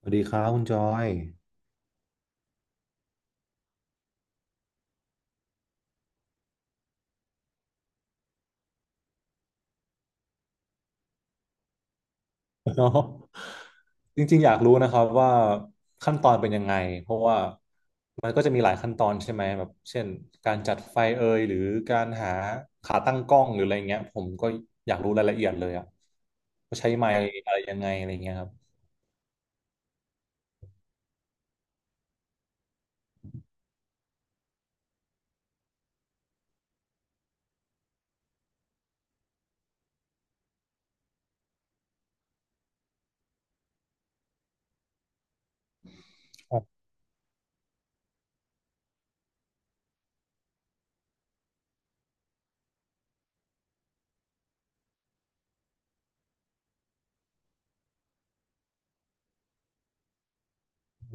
สวัสดีครับคุณจอยเนาะจริงๆอยากรู้นะครับว่าขั้นตอนเป็นยังไงเพราะว่ามันก็จะมีหลายขั้นตอนใช่ไหมแบบเช่นการจัดไฟเอยหรือการหาขาตั้งกล้องหรืออะไรเงี้ยผมก็อยากรู้รายละเอียดเลยอ่ะว่าใช้ไมค์อะไรยังไงอะไรเงี้ยครับ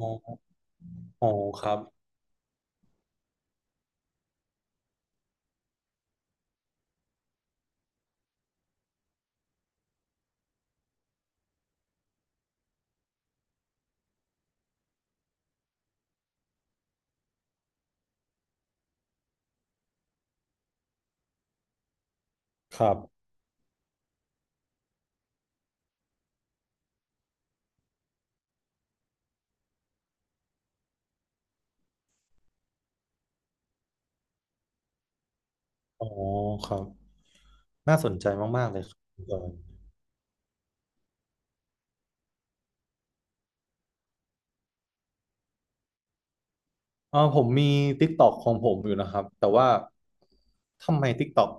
อ๋ออ๋อครับครับอ๋อครับน่าสนใจมากๆเลยครับคุณจอย เออผมมี TikTok ของผมอยู่นะครับแต่ว่าทำไม TikTok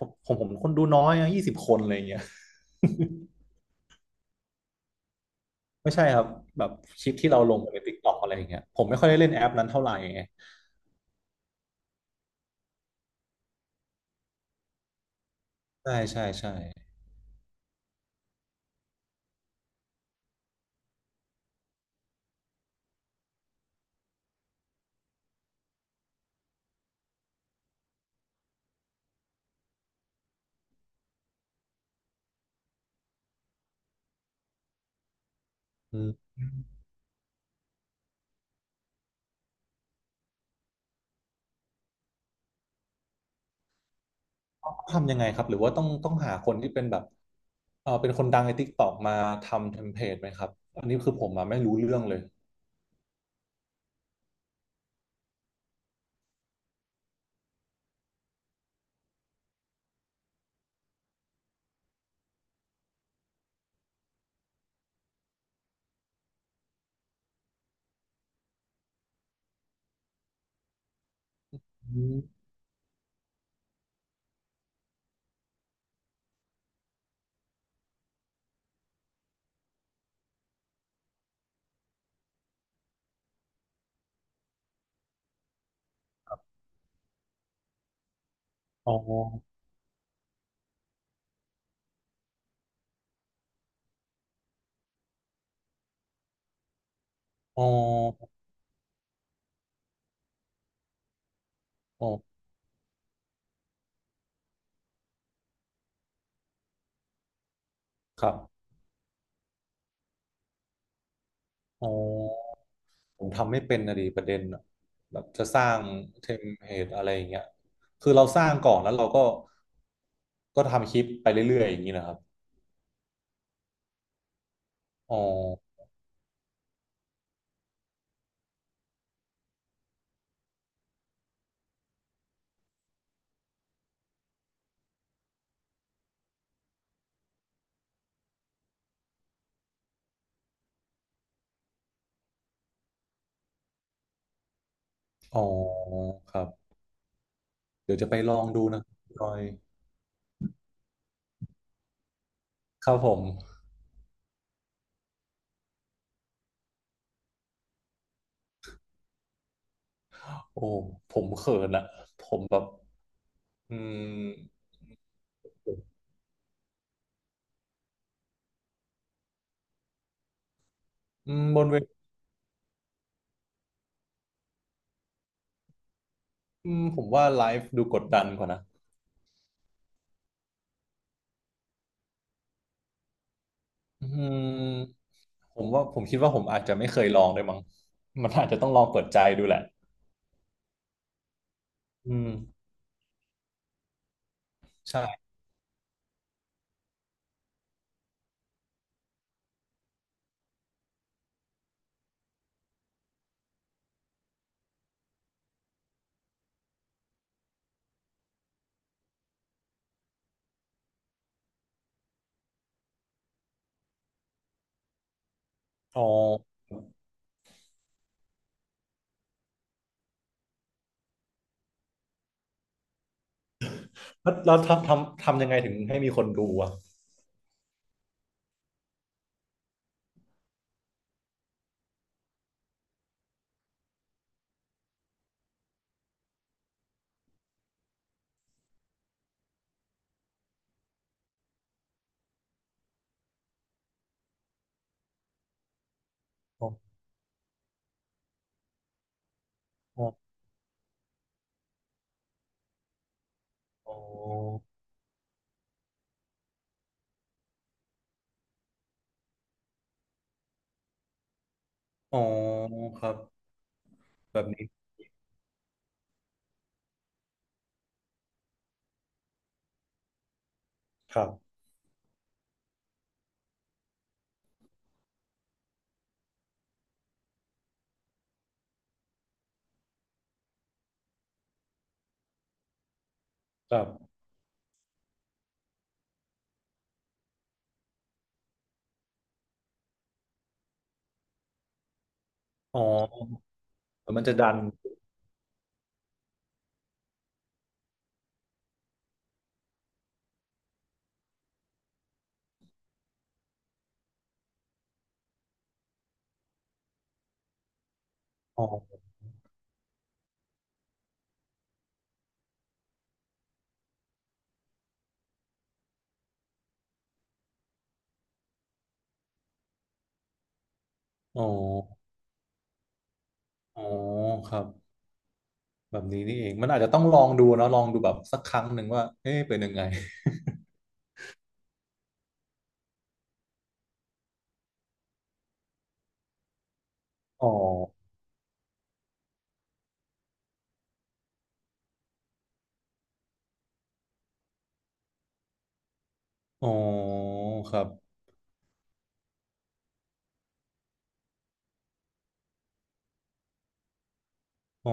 องผมคนดูน้อยอะ20 คนอะไรอย่างเงี้ย ไม่ใช่ครับแบบคลิปที่เราลงใน TikTok อะไรอย่างเงี้ยผมไม่ค่อยได้เล่นแอปนั้นเท่าไหร่ไงใช่ใช่ใช่อืมต้องทำยังไงครับหรือว่าต้องหาคนที่เป็นแบบเออเป็นคนดังใน TikTok มาทำเทมเพลตไหมครับอันนี้คือผมอะไม่รู้เรื่องเลยอมอ๋ออ๋ออ๋อครับอ๋อ ผมทำไม่เป็นนะดีประเด็นอะแบบจะสร้างเทมเพลตอะไรอย่างเงี้ยคือเราสร้างก่อนแล้วเราก็ก็ทำคลิปไปเรื่อยๆอย่างนี้นะครับอ๋ออ๋อครับเดี๋ยวจะไปลองดูนะพน่จอยครับผมโอ้ผมเขินอะผมแบบอืมอืมบนเวอืมผมว่าไลฟ์ดูกดดันกว่านะอืมผมว่าผมคิดว่าผมอาจจะไม่เคยลองด้วยมั้งมันอาจจะต้องลองเปิดใจดูแหละอืมใช่อ๋อ แล้วทำยังไงถึงให้มีคนดูอ่ะอ๋ออ๋ออ๋ออ๋อครับแบบนี้ครับครับอ๋อแล้วมันจะดันอ๋ออ๋ออ๋อครับแบบนี้นี่เองมันอาจจะต้องลองดูเนอะลองดูแบบสักครั้งหนึ่งว่าเอ๊ะเป็นยังไงอ๋ออ๋อครับอ๋อ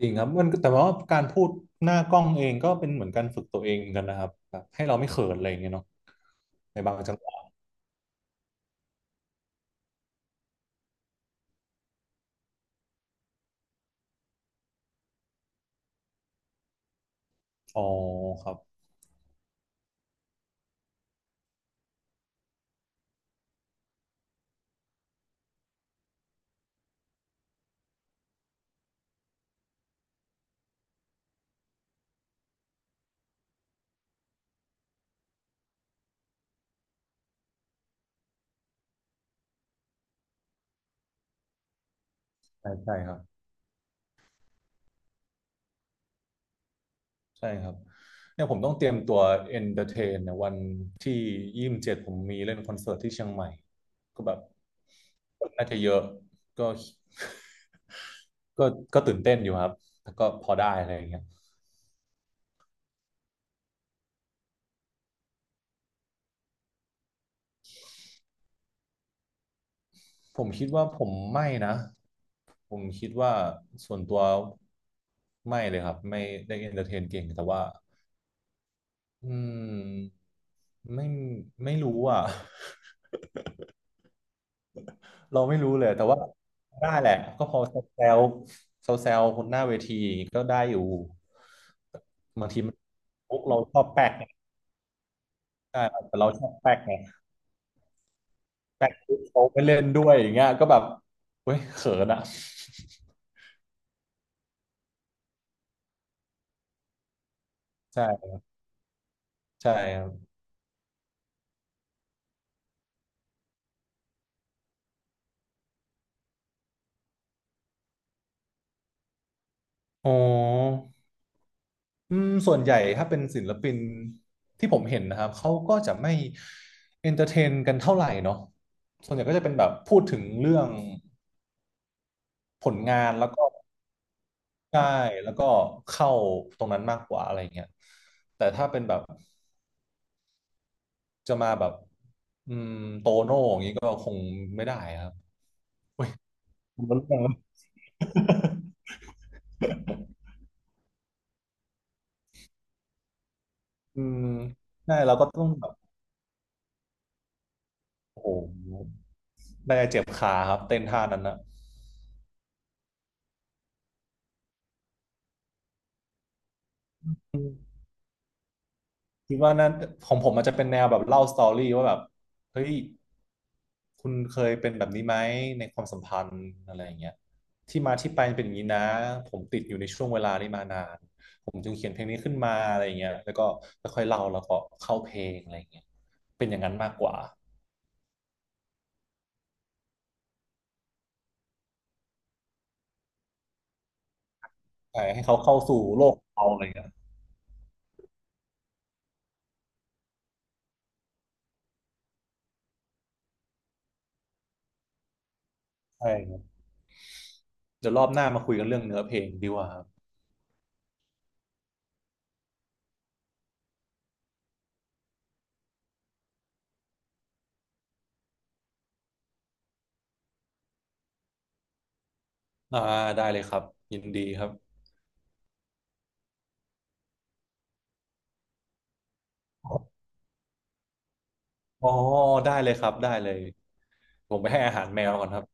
จริงครับมันแต่ว่าการพูดหน้ากล้องเองก็เป็นเหมือนการฝึกตัวเองเหมือนกันนะครับแบบให้เราไม่เขินอะไรอย่างเงี้ยเนาะในบางจังหวะอ๋อครับใช่ใช่ครับ ใช่ครับเนี่ยผมต้องเตรียมตัวเอนเตอร์เทนเนี่ยวันที่27ผมมีเล่นคอนเสิร์ตที่เชียงใหม่ก็แบบคนน่าจะเยอะก็ ก็ก็ตื่นเต้นอยู่ครับแต่ก็พอได้อะไรอย่างเงี้ยผมคิดว่าผมไม่นะผมคิดว่าส่วนตัวไม่เลยครับไม่ได้เอนเตอร์เทนเก่งแต่ว่าอืมไม่ไม่รู้อ่ะ เราไม่รู้เลยแต่ว่าได้แหละก็พอแซวแซวคนหน้าเวทีก็ได้อยู่บางทีมันมุกเราชอบแปลกไงใช่แต่เราชอบแปลกไงแปลกปุ๊บเขาไปเล่นด้วยอย่างเงี้ยก็แบบเว้ยเขินอะใช่ใช่ครับอ๋ออืมส่วนใหญ่ถ้าเป็นศิลปินที่ผมเห็นนะครับเขาก็จะไม่เอนเตอร์เทนกันเท่าไหร่เนาะส่วนใหญ่ก็จะเป็นแบบพูดถึงเรื่องผลงานแล้วก็ ใช่แล้วก็เข้าตรงนั้นมากกว่าอะไรเงี้ยแต่ถ้าเป็นแบบจะมาแบบอืมโตโน่อย่างนี้ก็คงไม่ได้ครับเว้ย ผมันเรืองแล้อืมใช่เราก็ต้องแบบโอ้โหได้เจ็บขาครับเต้นท่านั้นนะ คิดว่านั้นของผมมันจะเป็นแนวแบบเล่าสตอรี่ว่าแบบเฮ้ยคุณเคยเป็นแบบนี้ไหมในความสัมพันธ์อะไรอย่างเงี้ยที่มาที่ไปเป็นอย่างนี้นะผมติดอยู่ในช่วงเวลานี้มานานผมจึงเขียนเพลงนี้ขึ้นมาอะไรอย่างเงี้ยแล้วก็ค่อยๆเล่าแล้วก็เข้าเพลงอะไรอย่างเงี้ยเป็นอย่างนั้นมากกว่าใช่ให้เขาเข้าสู่โลกเราอะไรอย่างเงี้ยใช่ครับเดี๋ยวรอบหน้ามาคุยกันเรื่องเนื้อเพลงดีกว่าครับอ่าได้เลยครับยินดีครับอ๋อได้เลยครับได้เลยผมไปให้อาหารแมวก่อนครับ